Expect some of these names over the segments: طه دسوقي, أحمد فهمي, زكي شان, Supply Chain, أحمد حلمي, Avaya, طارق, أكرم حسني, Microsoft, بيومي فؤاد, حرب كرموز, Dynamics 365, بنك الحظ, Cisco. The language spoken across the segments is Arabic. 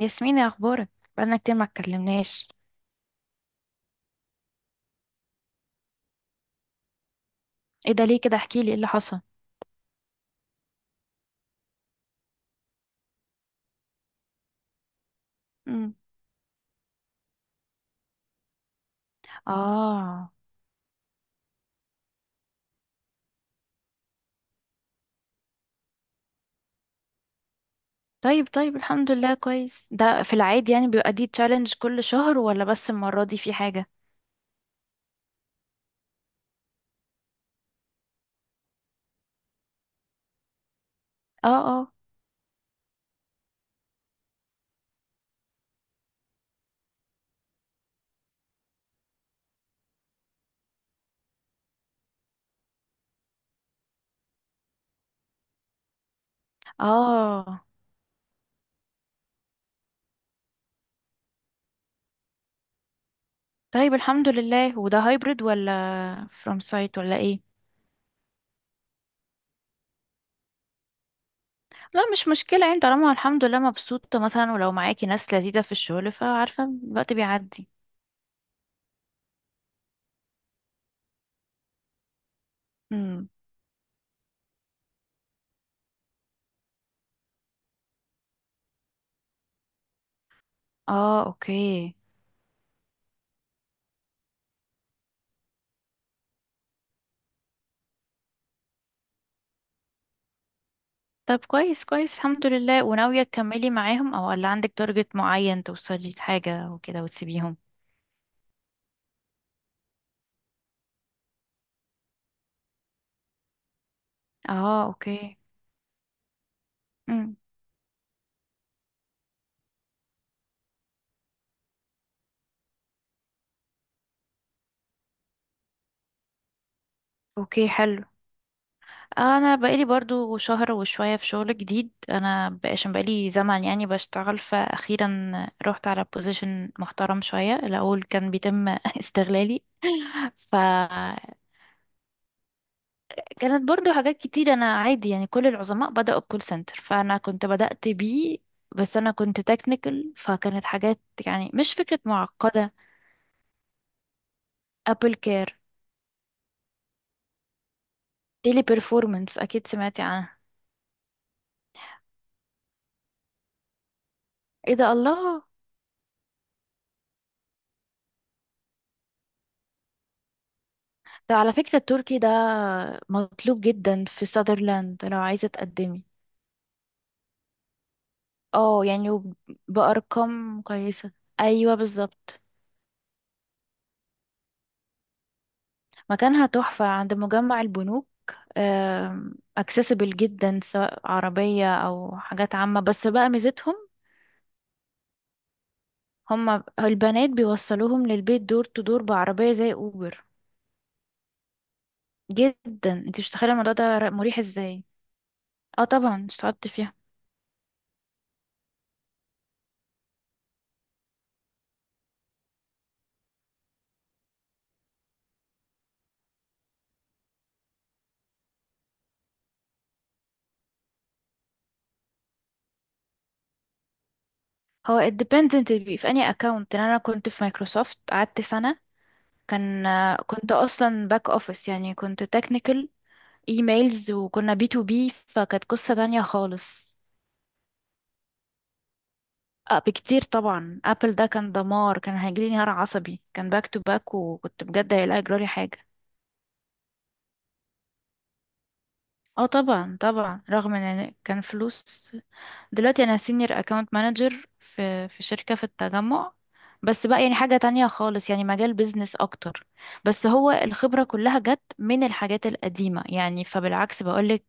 ياسمين، يا اخبارك؟ بقالنا كتير ما اتكلمناش. ايه ده؟ ليه كده؟ احكي لي ايه اللي حصل؟ امم اه. طيب طيب، الحمد لله كويس. ده في العادي يعني بيبقى دي تشالنج كل شهر، ولا بس المرة دي في حاجة؟ اه. اه. اه، طيب الحمد لله. وده هايبرد ولا فروم سايت ولا ايه؟ لا، مش مشكلة يعني، طالما الحمد لله مبسوطة مثلا، ولو معاكي ناس لذيذة في الشغل فعارفة الوقت بيعدي. امم اه، اوكي. طب كويس كويس، الحمد لله. وناوية تكملي معاهم، او ولا عندك تارجت معين توصلي لحاجة وكده وتسيبيهم؟ اه، اوكي. امم اوكي، حلو. انا بقالي برضو شهر وشوية في شغل جديد، عشان بقالي زمن يعني بشتغل، فاخيرا رحت على بوزيشن محترم شوية. الاول كان بيتم استغلالي. ف كانت برضو حاجات كتير. انا عادي يعني، كل العظماء بدأوا بكول سنتر فانا كنت بدأت بيه، بس انا كنت تكنيكال فكانت حاجات، يعني مش فكرة معقدة. ابل كير، تيلي بيرفورمانس، اكيد سمعتي عنها. ايه ده، الله! ده على فكرة التركي ده مطلوب جدا في ساذرلاند لو عايزة تقدمي. اه يعني، بأرقام كويسة. ايوه بالظبط. مكانها تحفة عند مجمع البنوك، اكسسبل جدا سواء عربية أو حاجات عامة، بس بقى ميزتهم هما البنات بيوصلوهم للبيت، دور تدور بعربية زي أوبر. جدا، انت مش متخيلة الموضوع ده مريح ازاي. اه طبعا، اشتغلت فيها. هو it depends. في اني اكونت انا كنت في مايكروسوفت قعدت سنة. كان كنت اصلا باك اوفيس يعني كنت تكنيكال، ايميلز، وكنا بي تو بي فكانت قصة تانية خالص. آه، بكتير طبعا. ابل ده كان دمار، كان هيجيلي انهيار عصبي. كان باك تو باك وكنت بجد هيلاقي جرالي حاجه. اه طبعا طبعا، رغم ان كان فلوس. دلوقتي انا سينيور اكاونت مانجر في شركه في التجمع. بس بقى يعني حاجه تانية خالص، يعني مجال بيزنس اكتر، بس هو الخبره كلها جت من الحاجات القديمه يعني، فبالعكس بقولك.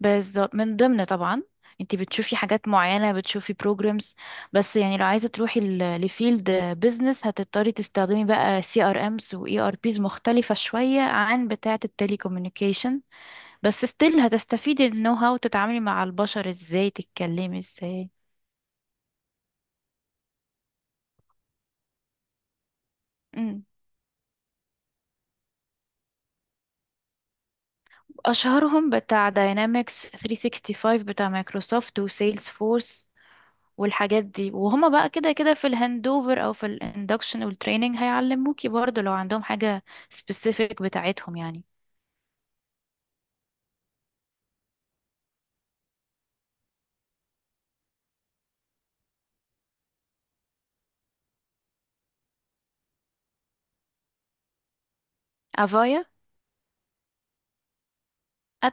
بالظبط من ضمن طبعا. انت بتشوفي حاجات معينة، بتشوفي بروجرامز. بس يعني لو عايزة تروحي لفيلد بيزنس هتضطري تستخدمي بقى سي ار امز واي ار بيز مختلفة شوية عن بتاعة التليكوميونيكيشن، بس ستيل هتستفيدي النو هاو تتعاملي مع البشر ازاي، تتكلمي ازاي. مم. اشهرهم بتاع داينامكس 365 بتاع مايكروسوفت، وسيلز فورس، والحاجات دي. وهما بقى كده كده في الهاندوفر او في الاندكشن والتريننج هيعلموكي برضو لو عندهم حاجة سبيسيفيك بتاعتهم يعني. افايا.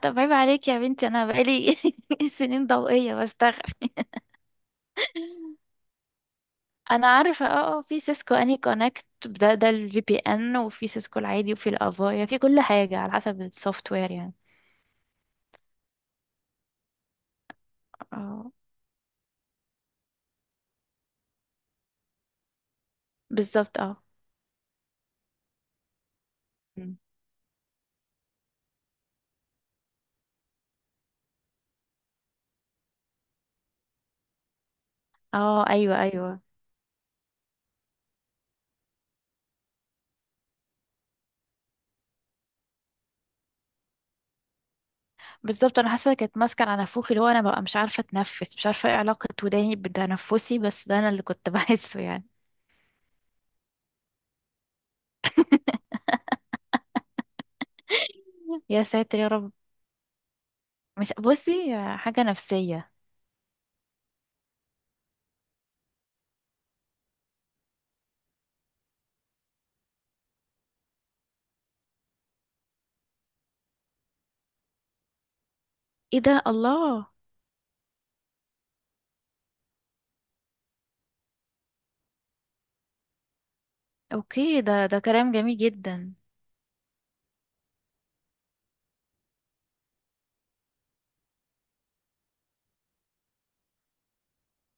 طب عيب عليك يا بنتي، انا بقالي سنين ضوئية بشتغل. انا عارفة، اه. آه، في سيسكو اني كونكت، ده الفي بي ان، وفي سيسكو العادي، وفي الافايا، في كل حاجة على حسب السوفت وير يعني. اه، بالظبط، اه. مم. اه ايوه ايوه، بالظبط. انا حاسه كانت ماسكه على نافوخي، اللي هو انا ببقى مش عارفه اتنفس، مش عارفه ايه علاقه وداني بتنفسي، بس ده انا اللي كنت بحسه يعني. يا ساتر يا رب! مش، بصي، حاجه نفسيه. ايه ده، الله! اوكي، ده كلام جميل جدا.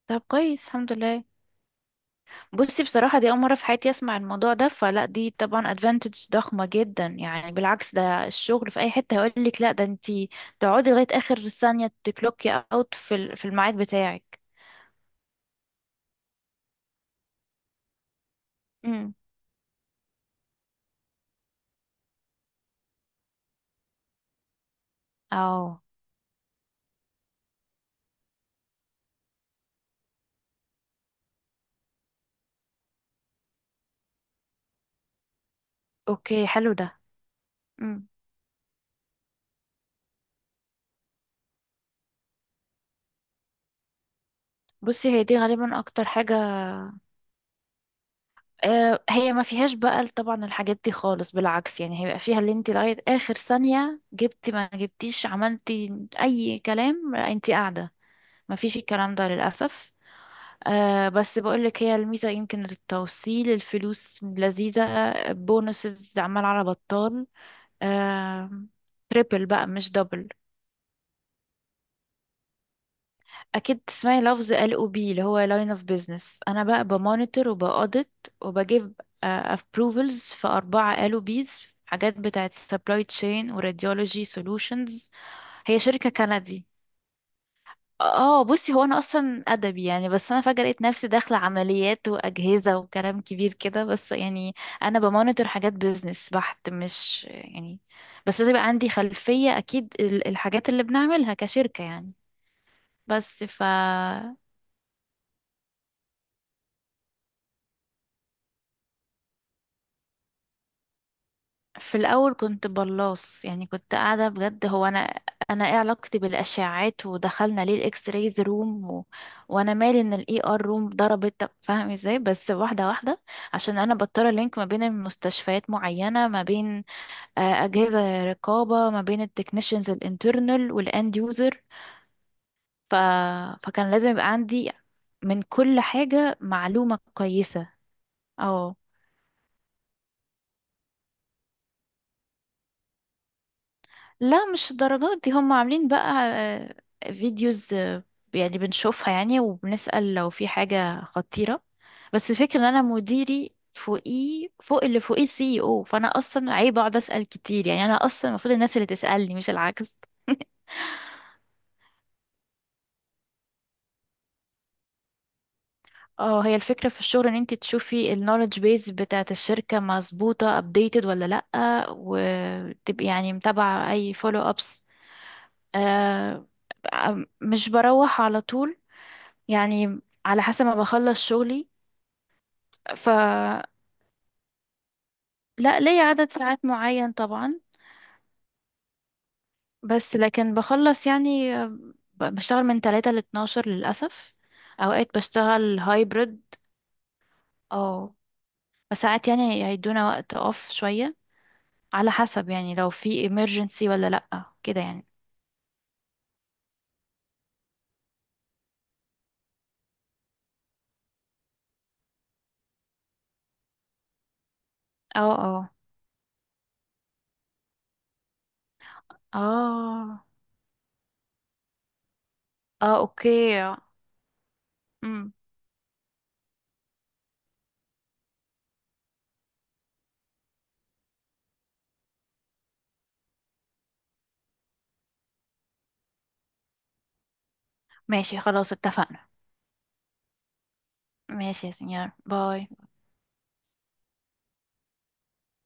طب كويس، الحمد لله. بصي بصراحه دي اول مره في حياتي اسمع الموضوع ده، فلا دي طبعا ادفانتج ضخمه جدا يعني. بالعكس، ده الشغل في اي حته هيقول لك لا، ده انتي تقعدي لغايه اخر ثانيه تكلوكي اوت في في الميعاد بتاعك. امم اه، اوكي حلو ده. مم. بصي، هي دي غالبا اكتر حاجة. آه، هي ما فيهاش بقى طبعا الحاجات دي خالص. بالعكس يعني، هيبقى فيها اللي انت لغاية اخر ثانية جبتي ما جبتيش عملتي اي كلام، انت قاعدة. ما فيش الكلام ده للأسف. آه، بس بقولك هي الميزة يمكن التوصيل، الفلوس لذيذة، بونسز عمال على بطال. آه. تريبل بقى، مش دبل. اكيد تسمعي لفظ ال او بي اللي هو لاين اوف بيزنس. انا بقى بمونيتور وبأودت وبجيب ابروفلز في اربعه ال او بيز، حاجات بتاعه سبلاي تشين وراديولوجي سولوشنز. هي شركه كندي. اه بصي، هو انا اصلا ادبي يعني، بس انا فجاه لقيت نفسي داخله عمليات واجهزه وكلام كبير كده، بس يعني انا بمونيتور حاجات بيزنس بحت، مش يعني، بس لازم يبقى عندي خلفيه اكيد الحاجات اللي بنعملها كشركه يعني. بس ف في الاول كنت بلاص يعني، كنت قاعده بجد. هو انا ايه علاقتي بالاشعاعات؟ ودخلنا ليه الاكس رايز روم وانا مالي ان الاي ار روم ضربت؟ طب فاهم ازاي، بس واحده واحده، عشان انا بضطر لينك ما بين المستشفيات معينه، ما بين آه، اجهزه رقابه، ما بين التكنيشنز الانترنال والاند يوزر. ف... فكان لازم يبقى عندي من كل حاجه معلومه كويسه. آه. لا، مش الدرجات دي. هم عاملين بقى آه، فيديوز، آه، يعني بنشوفها يعني وبنسأل لو في حاجة خطيرة. بس الفكرة ان انا مديري فوقيه، فوق اللي فوقيه سي او، فانا اصلا عيب اقعد اسأل كتير يعني. انا اصلا المفروض الناس اللي تسألني مش العكس. اه، هي الفكرة في الشغل ان انت تشوفي النولج بيز بتاعت الشركة مظبوطة updated ولا لأ، وتبقي يعني متابعة اي فولو ابس. آه، مش بروح على طول يعني، على حسب ما بخلص شغلي. ف لا، ليا عدد ساعات معين طبعا، بس لكن بخلص يعني. بشتغل من 3 ل 12 للأسف. أوقات بشتغل هايبرد أو بس ساعات يعني هيدونا وقت أوف شوية، على حسب يعني لو في emergency ولا لأ كده يعني. اه. اه. اه. اه، اوكي. امم ماشي، خلاص، اتفقنا. ماشي يا سنيور، باي.